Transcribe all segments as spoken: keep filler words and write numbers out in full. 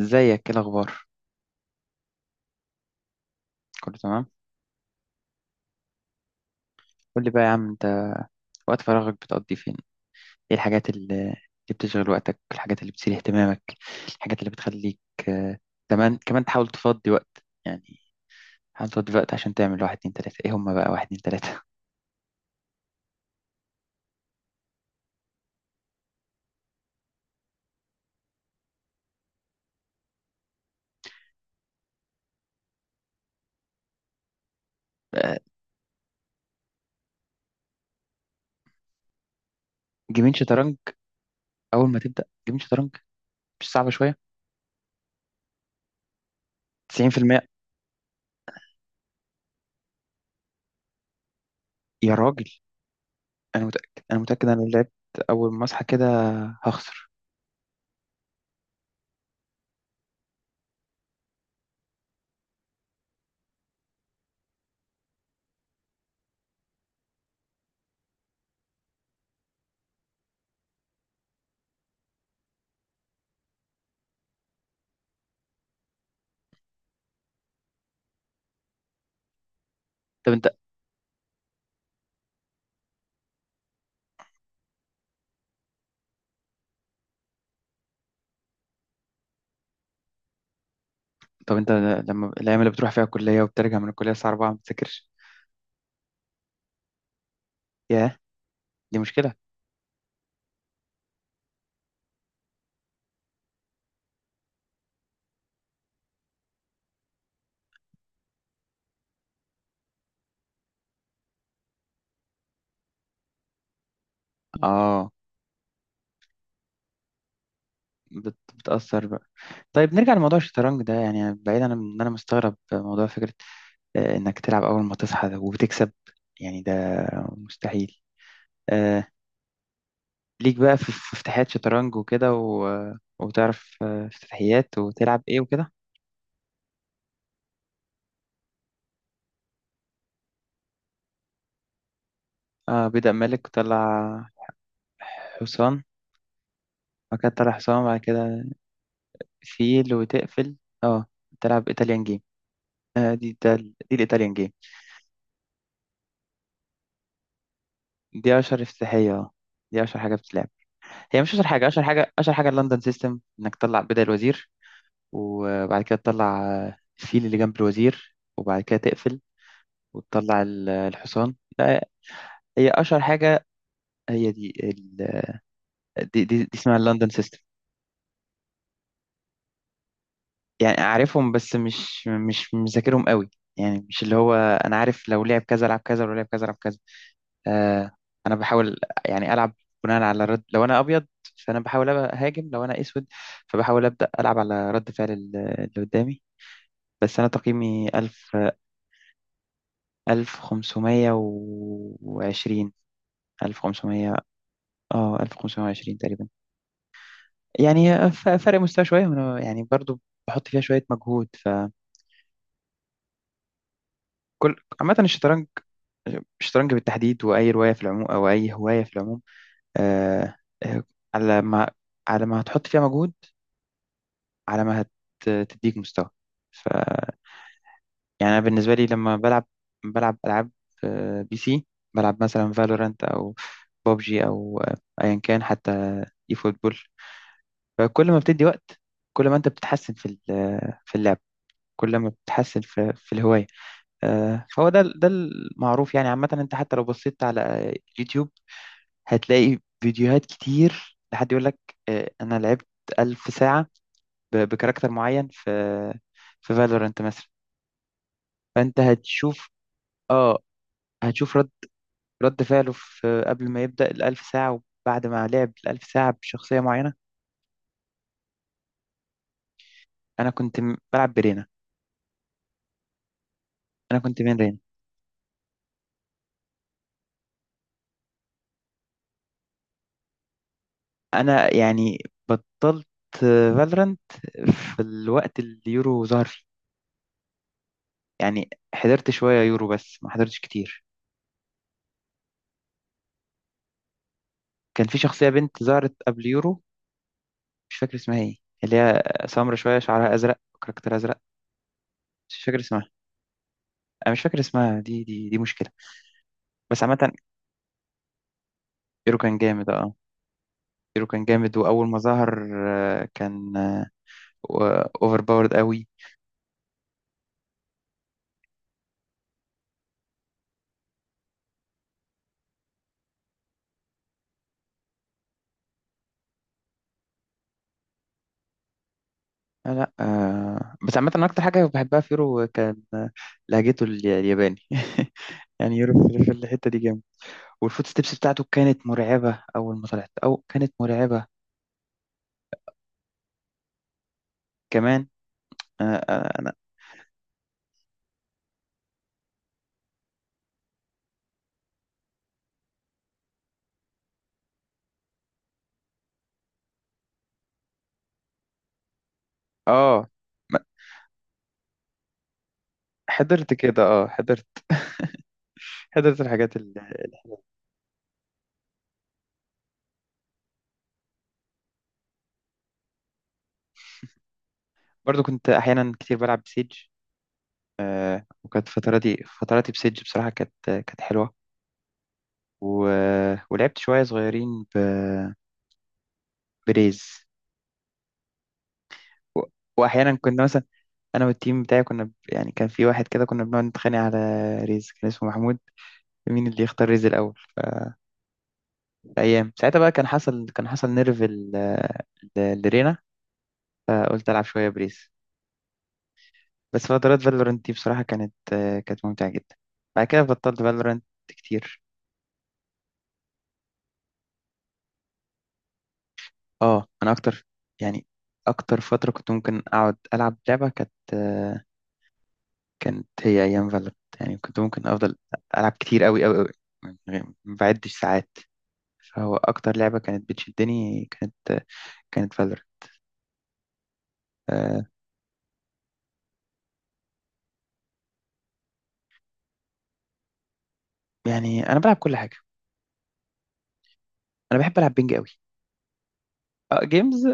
ازيك؟ ايه الاخبار؟ كله تمام؟ قول لي بقى يا عم انت، وقت فراغك بتقضي فين؟ ايه الحاجات اللي اللي بتشغل وقتك، الحاجات اللي بتثير اهتمامك، الحاجات اللي بتخليك آه، كمان كمان تحاول تفضي وقت يعني. حاول تفضي وقت عشان تعمل واحد اتنين تلاتة، ايه هما بقى واحد اتنين تلاتة؟ آه، جيمين شطرنج، اول ما تبدأ جيمين شطرنج مش صعبة شوية؟ تسعين في المية؟ يا راجل، انا متأكد انا متأكد، انا لو لعبت اول ما اصحى كده هخسر. طب انت، طب انت لما الايام اللي بتروح فيها الكلية وبترجع من الكلية الساعة اربعة ما بتذاكرش؟ ياه، دي مشكلة. اه، بت... بتأثر بقى. طيب نرجع لموضوع الشطرنج ده، يعني بعيدا عن ان انا مستغرب موضوع فكرة آه، انك تلعب اول ما تصحى ده وبتكسب، يعني ده مستحيل. آه، ليك بقى في في افتتاحيات شطرنج وكده، و... وتعرف آه، افتتاحيات وتلعب ايه وكده؟ آه، بيبدأ ملك وطلع حصان، بعد كده طلع حصان، بعد كده فيل وتقفل، اه تلعب ايطاليان جيم. آه دي ده ال- دي الايطاليان جيم. دي اشهر افتتاحية، اه، دي اشهر حاجة بتتلعب. هي مش اشهر حاجه، اشهر حاجه اشهر حاجه اللندن سيستم، انك تطلع بداية الوزير وبعد كده تطلع الفيل اللي جنب الوزير وبعد كده تقفل وتطلع ال- الحصان، لا هي اشهر حاجه، هي دي ال... دي, دي, دي اسمها اللندن سيستم. يعني عارفهم بس مش مش مذاكرهم قوي، يعني مش اللي هو انا عارف لو لعب كذا لعب كذا ولو لعب كذا لعب كذا. آه، انا بحاول يعني العب بناء على رد. لو انا ابيض فانا بحاول أبقى هاجم، لو انا اسود فبحاول ابدا العب على رد فعل ال- اللي قدامي. بس أنا تقييمي ألف، ألف خمسمية وعشرين، ألف خمسمية، اه ألف خمسمية وعشرين تقريبا. يعني ف- فرق مستوى شوية، وأنا يعني برضو بحط فيها شوية مجهود فكل. عامة الشطرنج، الشطرنج بالتحديد، وأي رواية في العموم أو أي هواية في العموم، آه آه، على ما على ما هتحط فيها مجهود، على ما هتديك مستوى. يعني انا بالنسبه لي لما بلعب بلعب العاب آه، بي سي، بلعب مثلا فالورانت او ببجي او آه، ايا كان، حتى اي فوتبول. فكل ما بتدي وقت، كل ما انت بتتحسن في ال- آه، في اللعب، كل ما بتتحسن في في الهوايه. آه، فهو ده ده المعروف يعني، عامه انت حتى لو بصيت على آه، يوتيوب هتلاقي فيديوهات كتير لحد يقول لك آه، انا لعبت ألف ساعه ب- بكاركتر معين في في فالورانت مثلا، فانت هتشوف، اه هتشوف رد فعله في قبل ما يبدأ الألف ساعة وبعد ما لعب الألف ساعة بشخصية معينة. أنا كنت م- بلعب برينا، أنا كنت من رينا. أنا يعني بطلت فالورانت في الوقت اللي يورو ظهر فيه، يعني حضرت شوية يورو بس ما حضرتش كتير. كان في شخصية بنت ظهرت قبل يورو، مش فاكر اسمها ايه، اللي هي سمرا شوية، شعرها أزرق، كاركتر أزرق، مش فاكر اسمها، أنا مش فاكر اسمها. دي دي دي مشكلة. بس عامة يورو كان جامد، اه، يورو كان جامد وأول ما ظهر آه، كان واوفر باورد قوي. لا لا، آه، بس عامة أنا أكتر حاجة بحبها في يورو كان آه، لهجته ال- الياباني. يعني يورو في في الحتة دي جامد، والفوت ستيبس بتاعته كانت مرعبة أول ما طلعت، أو كانت مرعبة كمان. آه، آه، أنا آه ما- حضرت كده، آه حضرت حضرت الحاجات اللي. برضو كنت أحيانا كتير بلعب بسيج، وكانت فتراتي فتراتي بسيج بصراحة كانت كانت حلوة. و... ولعبت شوية صغيرين ب... بريز، و... وأحيانا كنا مثلا، انا والتيم بتاعي كنا ب- يعني كان في واحد كده كنا بنقعد نتخانق على ريز، كان اسمه محمود، مين اللي يختار ريز الاول. فايام ساعتها بقى كان حصل كان حصل نيرف ال- ال- لرينا، فقلت العب شويه بريز. بس فترات فالورنت دي بصراحه كانت آه، كانت ممتعه جدا. بعد كده بطلت فالورنت كتير. اه انا اكتر يعني، اكتر فتره كنت ممكن اقعد العب لعبه كانت آه، كانت هي ايام فالورنت. يعني كنت ممكن افضل العب كتير قوي قوي قوي، ما بعدش ساعات. فهو أكتر لعبة كانت بتشدني كانت كانت فالور آه يعني أنا بلعب كل حاجة، أنا بحب ألعب بينج قوي، آه جيمز.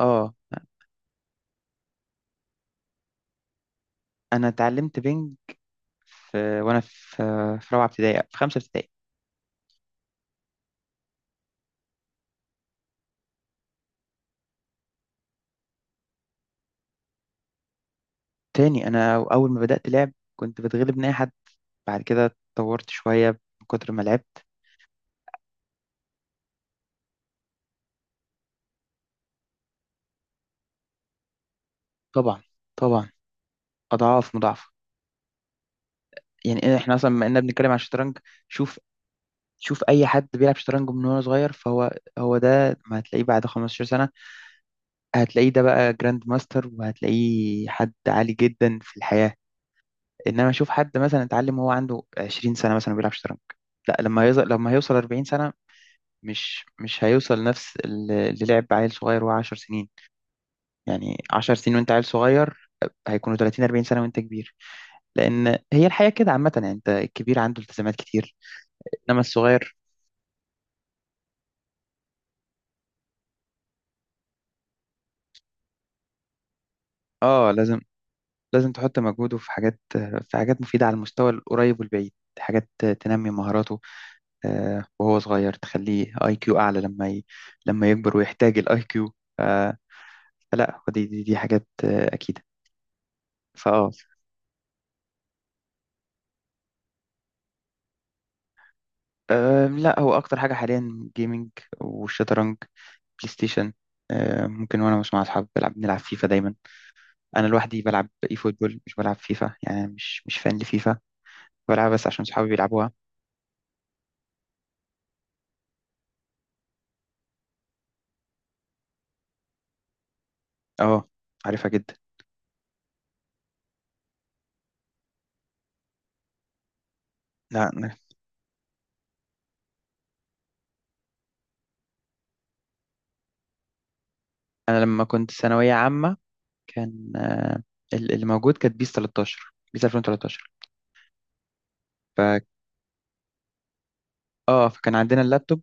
آه أنا اتعلمت بينج في وأنا في في رابعة ابتدائي، في خمسة ابتدائي. تاني، أنا أول ما بدأت لعب كنت بتغلب من أي حد، بعد كده اتطورت شوية من كتر ما لعبت. طبعا طبعا، أضعاف مضاعفة. يعني إيه، إحنا أصلا بما إننا بنتكلم عن الشطرنج، شوف، شوف أي حد بيلعب شطرنج من وهو صغير فهو هو ده ما هتلاقيه بعد 15 سنة، هتلاقيه ده بقى جراند ماستر وهتلاقيه حد عالي جدا في الحياة. انما اشوف حد مثلا اتعلم وهو عنده 20 سنة مثلا بيلعب شطرنج، لا، لما يوصل لما هيوصل 40 سنة مش مش هيوصل نفس ال- اللي لعب عيل صغير وهو 10 سنين. يعني 10 سنين وانت عيل صغير، هيكونوا ثلاثون اربعين سنة وانت كبير، لان هي الحياة كده عامة. يعني انت الكبير عنده التزامات كتير، انما الصغير اه لازم لازم تحط مجهوده في حاجات في حاجات مفيدة على المستوى القريب والبعيد، حاجات تنمي مهاراته. آه، وهو صغير تخليه اي كيو اعلى لما ي... لما يكبر ويحتاج الاي كيو. فلا دي دي, دي حاجات آه، اكيده. فاه آه، لا هو اكتر حاجه حاليا جيمنج والشطرنج، بلاي ستيشن. آه، ممكن وانا مش مع اصحابي بلعب، بنلعب فيفا دايما. انا لوحدي بلعب اي فوتبول، مش بلعب فيفا، يعني مش مش فان لفيفا، بلعبها بس عشان صحابي بيلعبوها. اه عارفها جدا. لا انا، أنا لما كنت ثانويه عامه كان آه، ال- اللي موجود كانت بيس تلتاشر، بيس الفين وتلتاشر، اه فكان عندنا اللابتوب،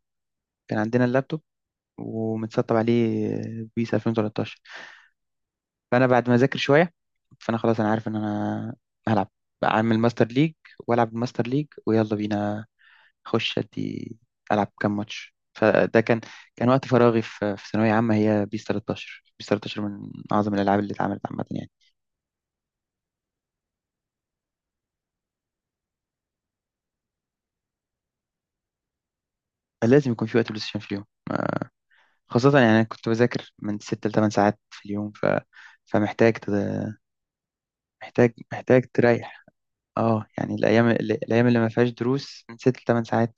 كان عندنا اللابتوب ومتسطب عليه بيس الفين وتلتاشر. فانا بعد ما اذاكر شويه، فانا خلاص، انا عارف ان انا هلعب، اعمل ماستر ليج والعب الماستر ليج ويلا بينا اخش ادي العب كام ماتش. فده كان كان وقت فراغي في في ثانويه عامه. هي بيس تلتاشر، بيس تلتاشر من اعظم الالعاب اللي اتعملت عامه يعني. لازم يكون في وقت بلاي ستيشن في اليوم. خاصه يعني انا كنت بذاكر من ستة ل ثمانية ساعات في اليوم، ف فمحتاج تد- محتاج محتاج تريح. اه يعني الايام اللي- الايام اللي ما فيهاش دروس من ست لثمان ساعات،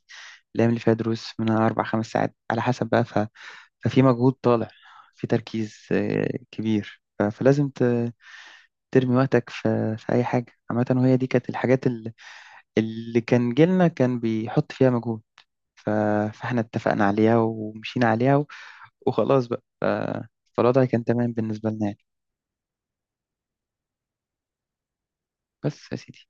الايام اللي فيها دروس من اربع خمس ساعات على حسب بقى، ف... ففي مجهود طالع، في تركيز آه، كبير، ف... فلازم ت... ترمي وقتك في... في اي حاجه عامه. وهي دي كانت الحاجات اللي, اللي كان جيلنا كان بيحط فيها مجهود، ف... فاحنا اتفقنا عليها ومشينا عليها، و... وخلاص بقى، ف... فالوضع كان تمام بالنسبه لنا يعني. بس يا سيدي.